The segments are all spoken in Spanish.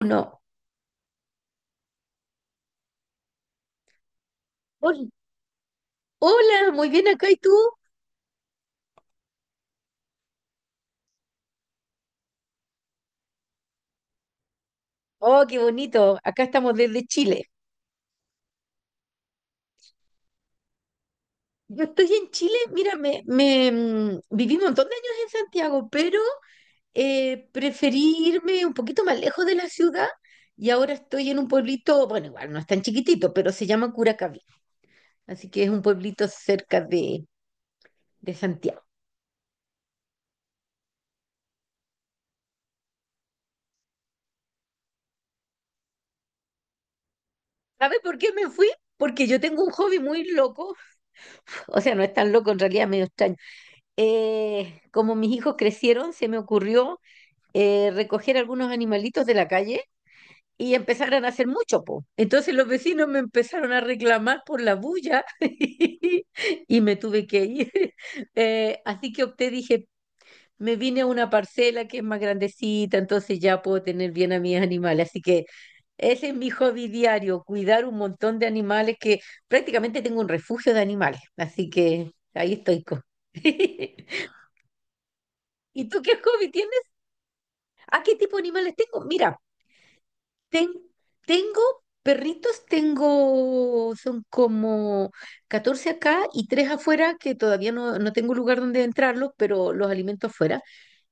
Uno. Hol- Hola, muy bien acá. ¿Y tú? Oh, qué bonito. Acá estamos desde Chile. Yo estoy en Chile, mira, me viví un montón de años en Santiago, pero preferí irme un poquito más lejos de la ciudad y ahora estoy en un pueblito, bueno, igual no es tan chiquitito, pero se llama Curacaví. Así que es un pueblito cerca de Santiago. ¿Sabes por qué me fui? Porque yo tengo un hobby muy loco, o sea, no es tan loco, en realidad medio extraño. Como mis hijos crecieron, se me ocurrió recoger algunos animalitos de la calle y empezaron a hacer mucho, po. Entonces los vecinos me empezaron a reclamar por la bulla y me tuve que ir. Así que opté, dije, me vine a una parcela que es más grandecita, entonces ya puedo tener bien a mis animales. Así que ese es mi hobby diario, cuidar un montón de animales que prácticamente tengo un refugio de animales. Así que ahí estoy. ¿Y tú qué hobby tienes? ¿A qué tipo de animales tengo? Mira. Ten- Tengo perritos, tengo, son como 14 acá y tres afuera, que todavía no, no tengo lugar donde entrarlos, pero los alimento afuera.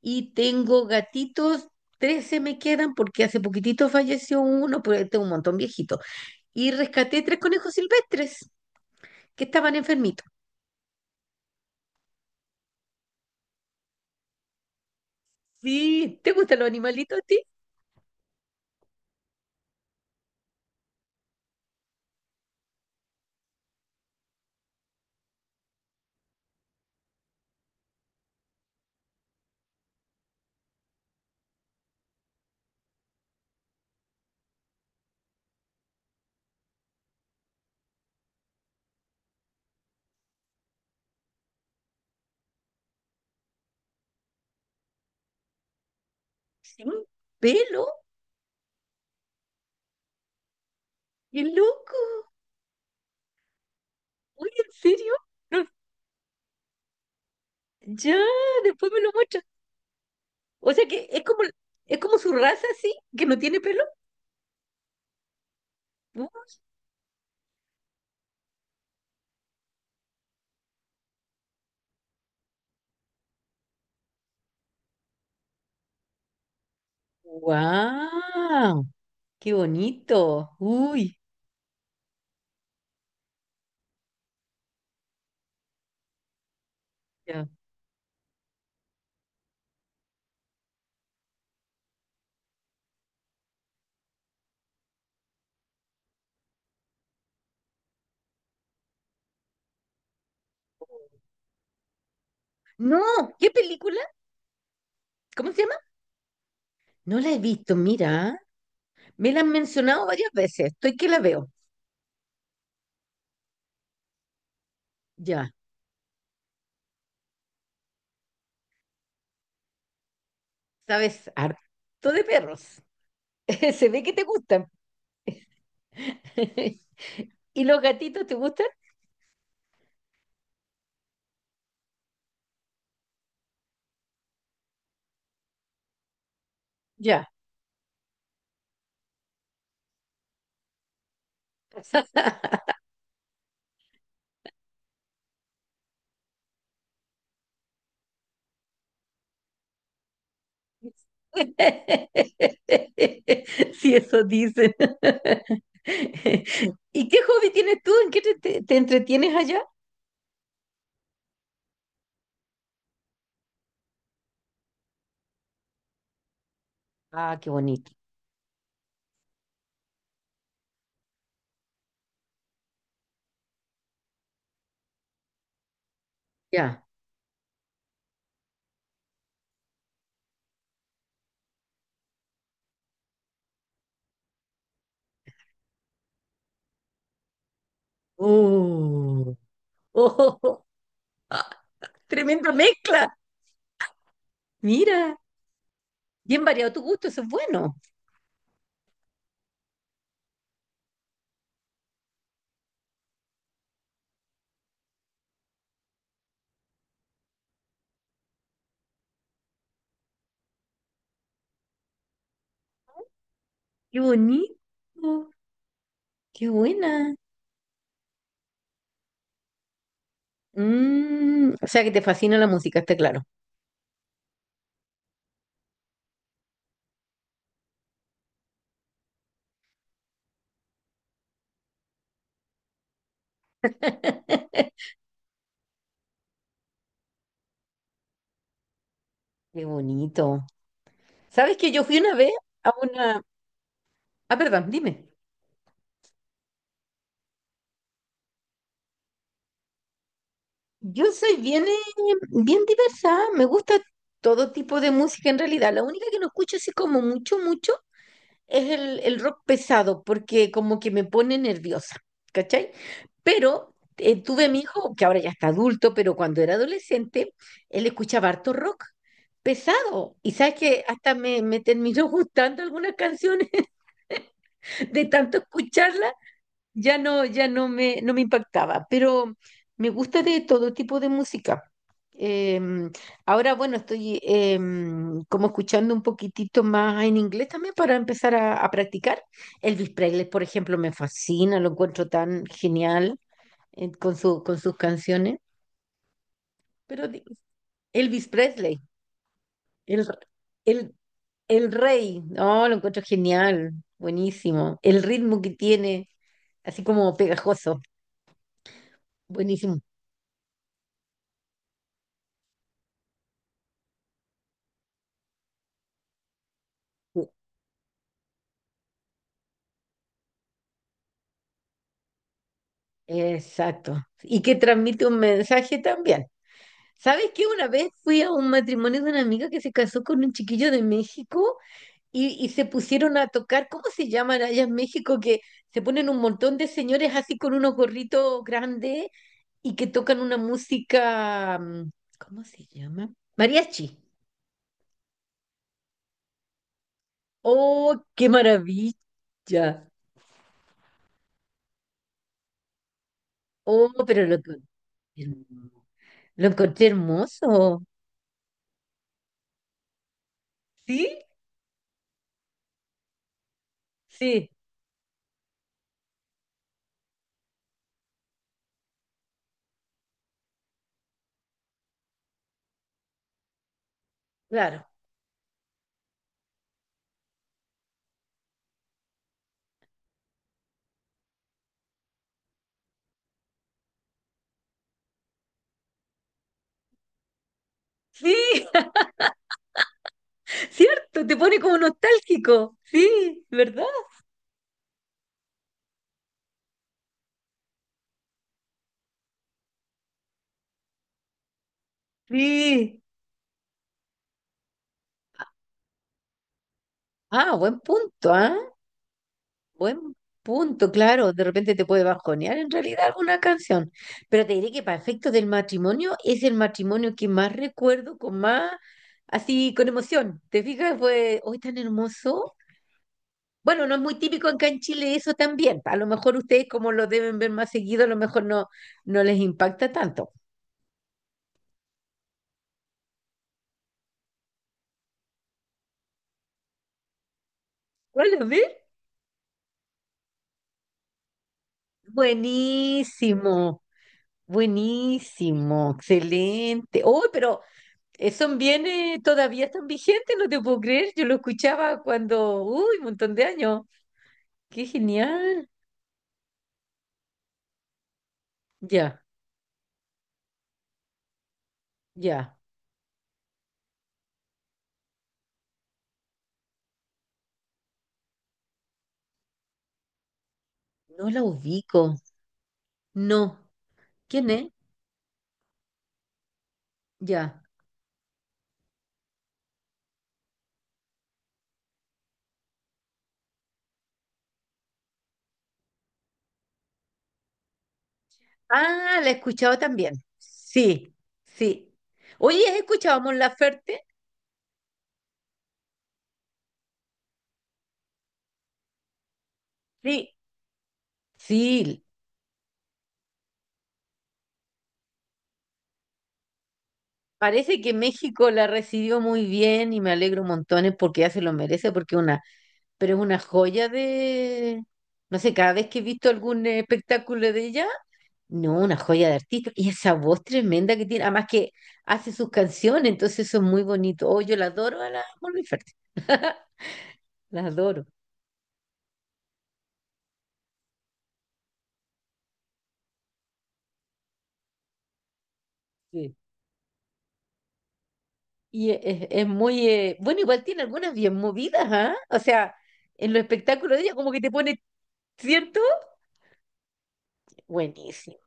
Y tengo gatitos, 13 me quedan porque hace poquitito falleció uno, pero tengo un montón viejito. Y rescaté tres conejos silvestres que estaban enfermitos. Sí, ¿te gustan los animalitos a ti? Sí, pelo, qué loco. Uy, ¿en serio? No, ya, después me lo muestras. O sea que es como, es como su raza, sí, que no tiene pelo. ¡Wow! ¡Qué bonito! Uy. Ya. No, ¿qué película? ¿Cómo se llama? No la he visto, mira. Me la han mencionado varias veces. Estoy que la veo. Ya, sabes, harto de perros. Se ve que te gustan. ¿Y los gatitos te gustan? Ya. Sí, eso dicen. ¿Y qué hobby tienes tú? ¿En qué te entretienes allá? Ah, qué bonito. Ya. Uh. Oh, oh, ah, tremenda mezcla. Mira, bien variado tu gusto, eso es bueno. Qué bonito. Qué buena. Mm, o sea que te fascina la música, está claro. Qué bonito. ¿Sabes que yo fui una vez a una... Ah, perdón, dime. Yo soy bien, bien diversa, me gusta todo tipo de música en realidad. La única que no escucho así como mucho, mucho es el rock pesado, porque como que me pone nerviosa, ¿cachai? Pero tuve a mi hijo, que ahora ya está adulto, pero cuando era adolescente, él escuchaba harto rock pesado. Y sabes que hasta me terminó gustando algunas canciones de tanto escucharlas ya no, ya no no me impactaba, pero me gusta de todo tipo de música. Em, Ahora, bueno, estoy como escuchando un poquitito más en inglés también para empezar a practicar. Elvis Presley, por ejemplo, me fascina, lo encuentro tan genial con con sus canciones. Pero di- Elvis Presley, el, el, el rey, no, lo encuentro genial, buenísimo. El ritmo que tiene, así como pegajoso, buenísimo. Exacto. Y que transmite un mensaje también. ¿Sabes qué? Una vez fui a un matrimonio de una amiga que se casó con un chiquillo de México y se pusieron a tocar, ¿cómo se llaman allá en México? Que se ponen un montón de señores así con unos gorritos grandes y que tocan una música, ¿cómo se llama? Mariachi. ¡Oh, qué maravilla! ¡Oh, pero lo encontré hermoso! ¿Sí? Sí, claro. Sí, ¿cierto? Te pone como nostálgico. Sí, ¿verdad? Sí. ¿Ah? Buen punto, claro. De repente te puede bajonear en realidad alguna canción. Pero te diré que para efectos del matrimonio es el matrimonio que más recuerdo con más, así, con emoción. ¿Te fijas? Fue hoy tan hermoso. Bueno, no es muy típico acá en Chile eso también. A lo mejor ustedes, como lo deben ver más seguido, a lo mejor no, no les impacta tanto. Hola, ¿ves? Buenísimo. Buenísimo, excelente. Oh, pero son bienes todavía están vigentes, no te puedo creer. Yo lo escuchaba cuando, uy, un montón de años. Qué genial. Ya, ya. No la ubico. No. ¿Quién es? Ya. Ah, la he escuchado también. Sí, sí. Oye, ¿has escuchado a Mon Laferte? Sí, sí. Parece que México la recibió muy bien y me alegro montones porque ya se lo merece, porque una pero es una joya de, no sé, cada vez que he visto algún espectáculo de ella, no, una joya de artista. Y esa voz tremenda que tiene, además que hace sus canciones, entonces eso es muy bonito. Oh, yo la adoro a la Mon Laferte. La adoro. Sí. Y es muy, bueno, igual tiene algunas bien movidas, ¿ah? O sea, en los espectáculos de ella como que te pone, ¿cierto? Buenísimo.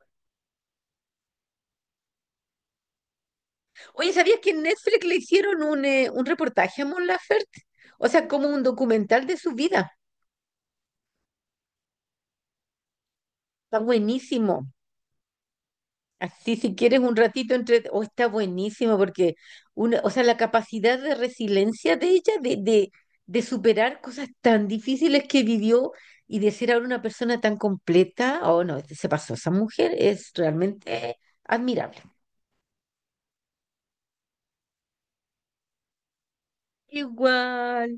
Oye, ¿sabías que en Netflix le hicieron un reportaje a Mon Laferte? O sea, como un documental de su vida. Está buenísimo. Así si quieres un ratito entre... Oh, está buenísimo porque una, o sea, la capacidad de resiliencia de ella, de superar cosas tan difíciles que vivió y de ser ahora una persona tan completa, oh no, este, se pasó. Esa mujer es realmente admirable. Igual.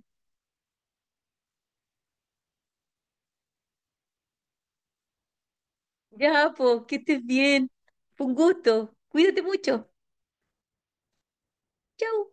Ya, pues, que estés bien. Fue un gusto. Cuídate mucho. Chau.